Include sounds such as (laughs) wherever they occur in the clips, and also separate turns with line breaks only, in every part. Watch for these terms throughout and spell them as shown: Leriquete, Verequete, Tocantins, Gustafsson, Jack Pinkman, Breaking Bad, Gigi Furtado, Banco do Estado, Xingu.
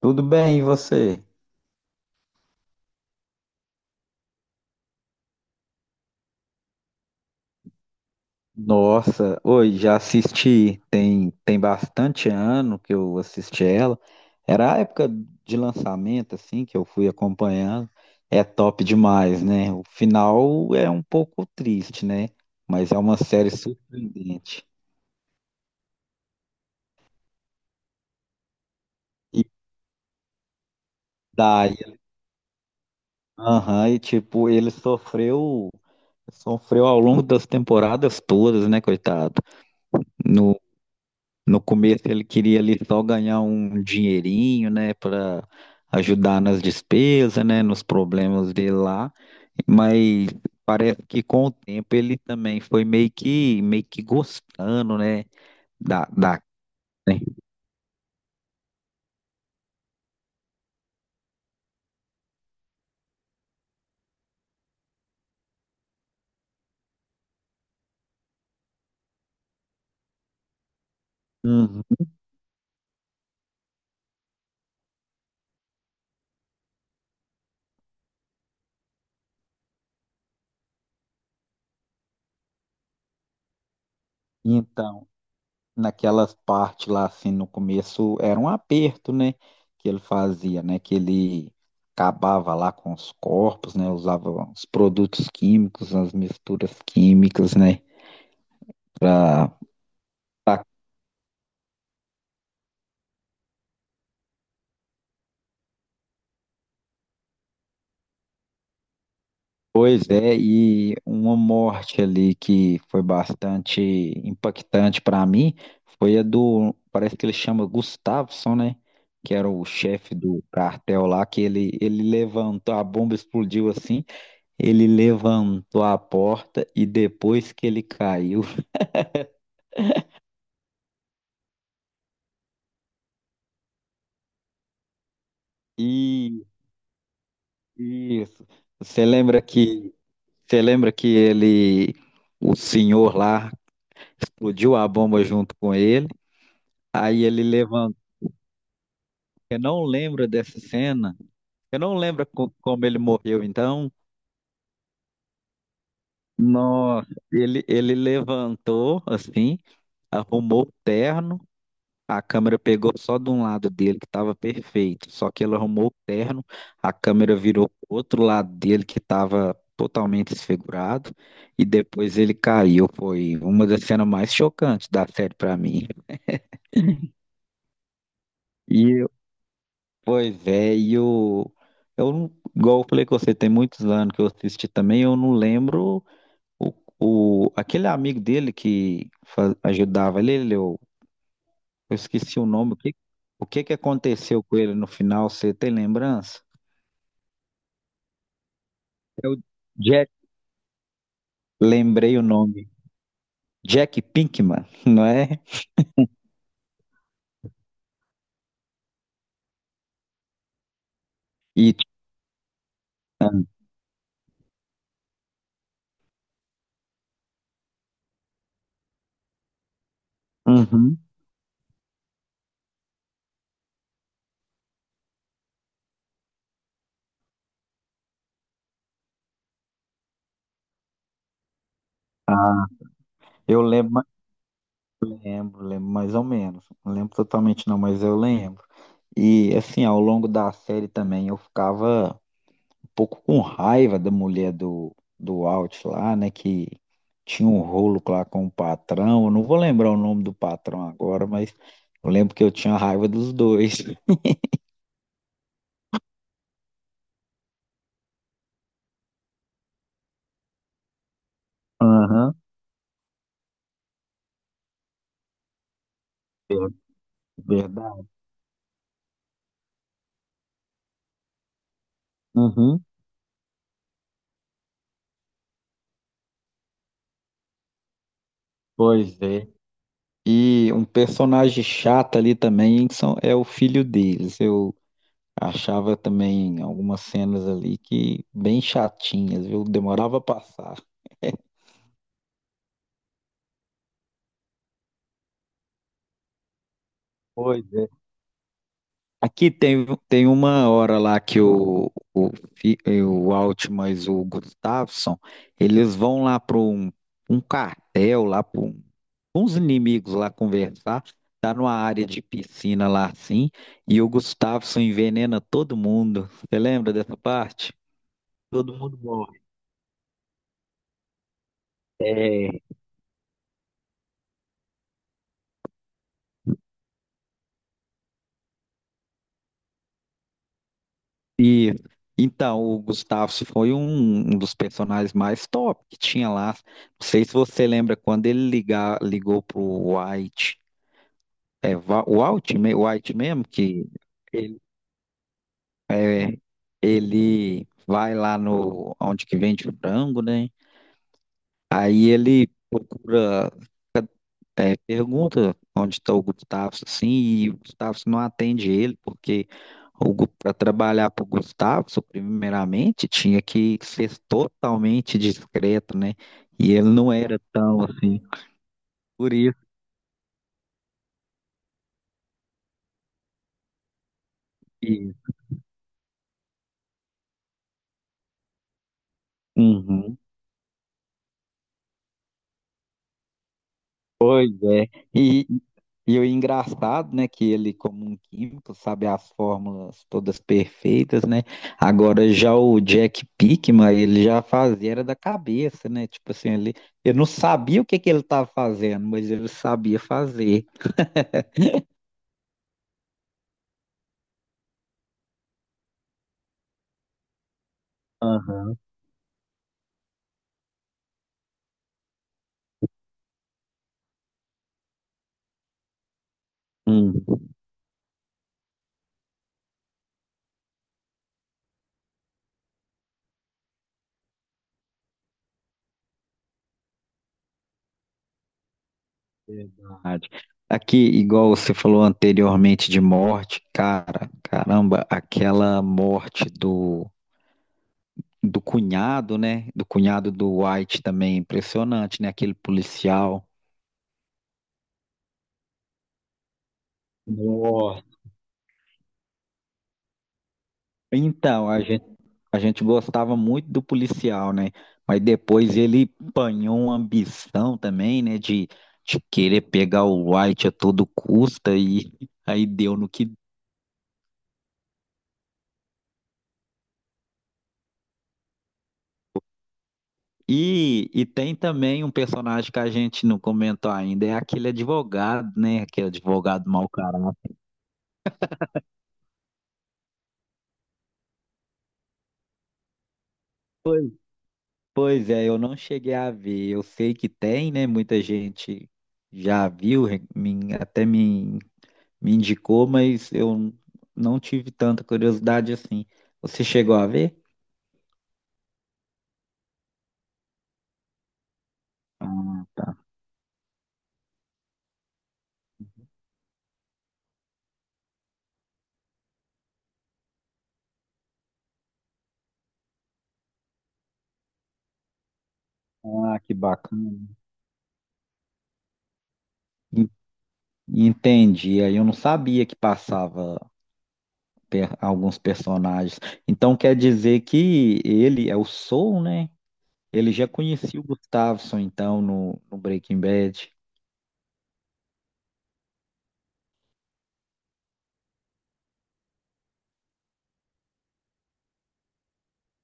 Tudo bem, e você? Nossa, oi, já assisti, tem bastante ano que eu assisti ela. Era a época de lançamento, assim, que eu fui acompanhando. É top demais, né? O final é um pouco triste, né? Mas é uma série surpreendente. E daí, aham, e tipo, sofreu ao longo das temporadas todas, né, coitado? No, No começo ele queria ali só ganhar um dinheirinho, né, para ajudar nas despesas, né, nos problemas dele lá, mas parece que com o tempo ele também foi meio que gostando, né, da da né. Uhum. Então, naquelas partes lá assim no começo era um aperto, né, que ele fazia, né, que ele acabava lá com os corpos, né, usava os produtos químicos, as misturas químicas, né, para... Pois é, e uma morte ali que foi bastante impactante para mim foi a do, parece que ele chama Gustafsson, né? Que era o chefe do cartel lá, que ele levantou, a bomba explodiu assim, ele levantou a porta e depois que ele caiu. (laughs) E isso. Você lembra que você lembra que ele, o senhor lá, explodiu a bomba junto com ele, aí ele levantou. Eu não lembro dessa cena. Eu não lembro como ele morreu, então. Nossa, ele levantou, assim, arrumou o terno. A câmera pegou só de um lado dele, que estava perfeito. Só que ele arrumou o terno, a câmera virou pro outro lado dele, que estava totalmente desfigurado. E depois ele caiu. Foi uma das cenas mais chocantes da série para mim. E Pois é, eu igual eu falei com você, tem muitos anos que eu assisti também, eu não lembro o, o, aquele amigo dele que ajudava ele, eu esqueci o nome, o que que aconteceu com ele no final, você tem lembrança? É o Jack, lembrei o nome, Jack Pinkman, (laughs) não é? E, Uhum. Ah, eu lembro, lembro, lembro mais ou menos, não lembro totalmente não, mas eu lembro. E assim, ao longo da série também eu ficava pouco com raiva da mulher do Alt lá, né? Que tinha um rolo lá com o patrão. Eu não vou lembrar o nome do patrão agora, mas eu lembro que eu tinha raiva dos dois. Aham. Ver- Verdade. Uhum, pois é. E um personagem chato ali também que são, é o filho deles. Eu achava também algumas cenas ali que bem chatinhas, viu? Demorava a passar. (laughs) Pois é. Aqui tem uma hora lá que o Altman e o Gustafsson, eles vão lá para um cartel, lá para um, uns inimigos lá conversar, tá numa área de piscina lá assim, e o Gustafsson envenena todo mundo. Você lembra dessa parte? Todo mundo morre. É. E então, o Gustafsson foi um, um dos personagens mais top que tinha lá. Não sei se você lembra quando ligou pro White. É, o Altman, o White mesmo, que ele, é, ele vai lá no onde que vende frango, né? Aí ele procura, é, pergunta onde está o Gustavo, assim, e o Gustavo não atende ele, porque para trabalhar para o Gustavo, primeiramente, tinha que ser totalmente discreto, né? E ele não era tão assim. Por isso que. Uhum. Pois é. E, e o engraçado, né, que ele, como um químico, sabe as fórmulas todas perfeitas, né? Agora já o Jack Pickman, ele já fazia era da cabeça, né? Tipo assim, ele, eu não sabia o que que ele estava fazendo, mas ele sabia fazer. Aham. Hum, verdade. Aqui, igual você falou anteriormente de morte, cara, caramba, aquela morte do cunhado, né? Do cunhado do White também, impressionante, né? Aquele policial. Nossa. Então, a gente gostava muito do policial, né? Mas depois ele apanhou uma ambição também, né? De querer pegar o White a todo custa e aí deu no que. E tem também um personagem que a gente não comentou ainda, é aquele advogado, né? Aquele advogado mau caráter. Pois é, eu não cheguei a ver. Eu sei que tem, né? Muita gente já viu, me indicou, mas eu não tive tanta curiosidade assim. Você chegou a ver? Ah, tá. Ah, que bacana. En- Entendi. Aí eu não sabia que passava alguns personagens. Então quer dizer que ele é o Soul, né? Ele já conhecia o Gustavo, então, no Breaking Bad.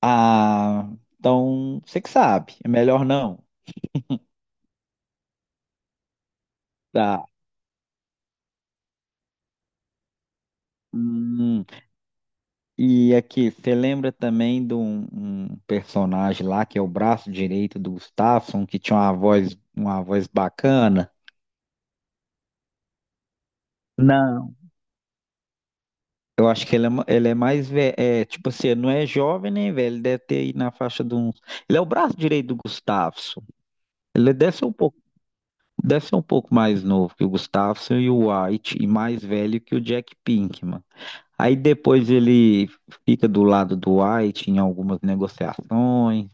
Ah, então você que sabe, é melhor não. Tá. Hum, e aqui, você lembra também de um personagem lá que é o braço direito do Gustafsson, que tinha uma voz bacana? Não. Eu acho que ele é, ele é mais velho, é, tipo assim, não é jovem nem velho, ele deve ter aí na faixa de uns. Ele é o braço direito do Gustafsson. Ele deve ser deve ser um pouco mais novo que o Gustafsson e o White, e mais velho que o Jack Pinkman. Aí depois ele fica do lado do White em algumas negociações.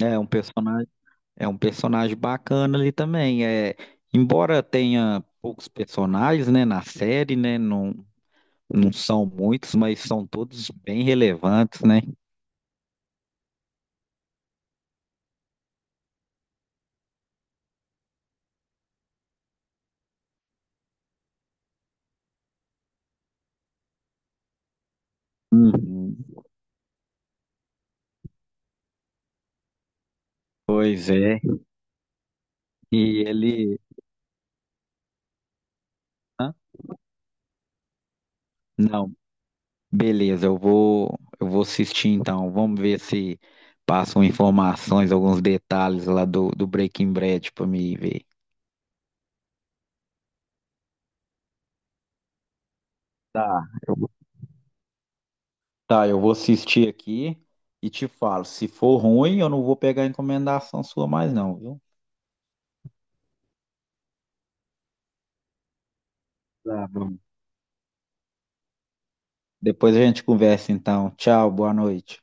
É um personagem, é um personagem bacana ali também. É, embora tenha poucos personagens, né, na série, né, não são muitos, mas são todos bem relevantes, né? Uhum. Pois é. E ele, hã? Não, beleza, eu vou assistir então. Vamos ver se passam informações, alguns detalhes lá do Breaking Bad para me ver. Tá, eu, vou- tá, eu vou assistir aqui e te falo. Se for ruim, eu não vou pegar encomendação sua mais, não, viu? Tá bom. Depois a gente conversa, então. Tchau, boa noite.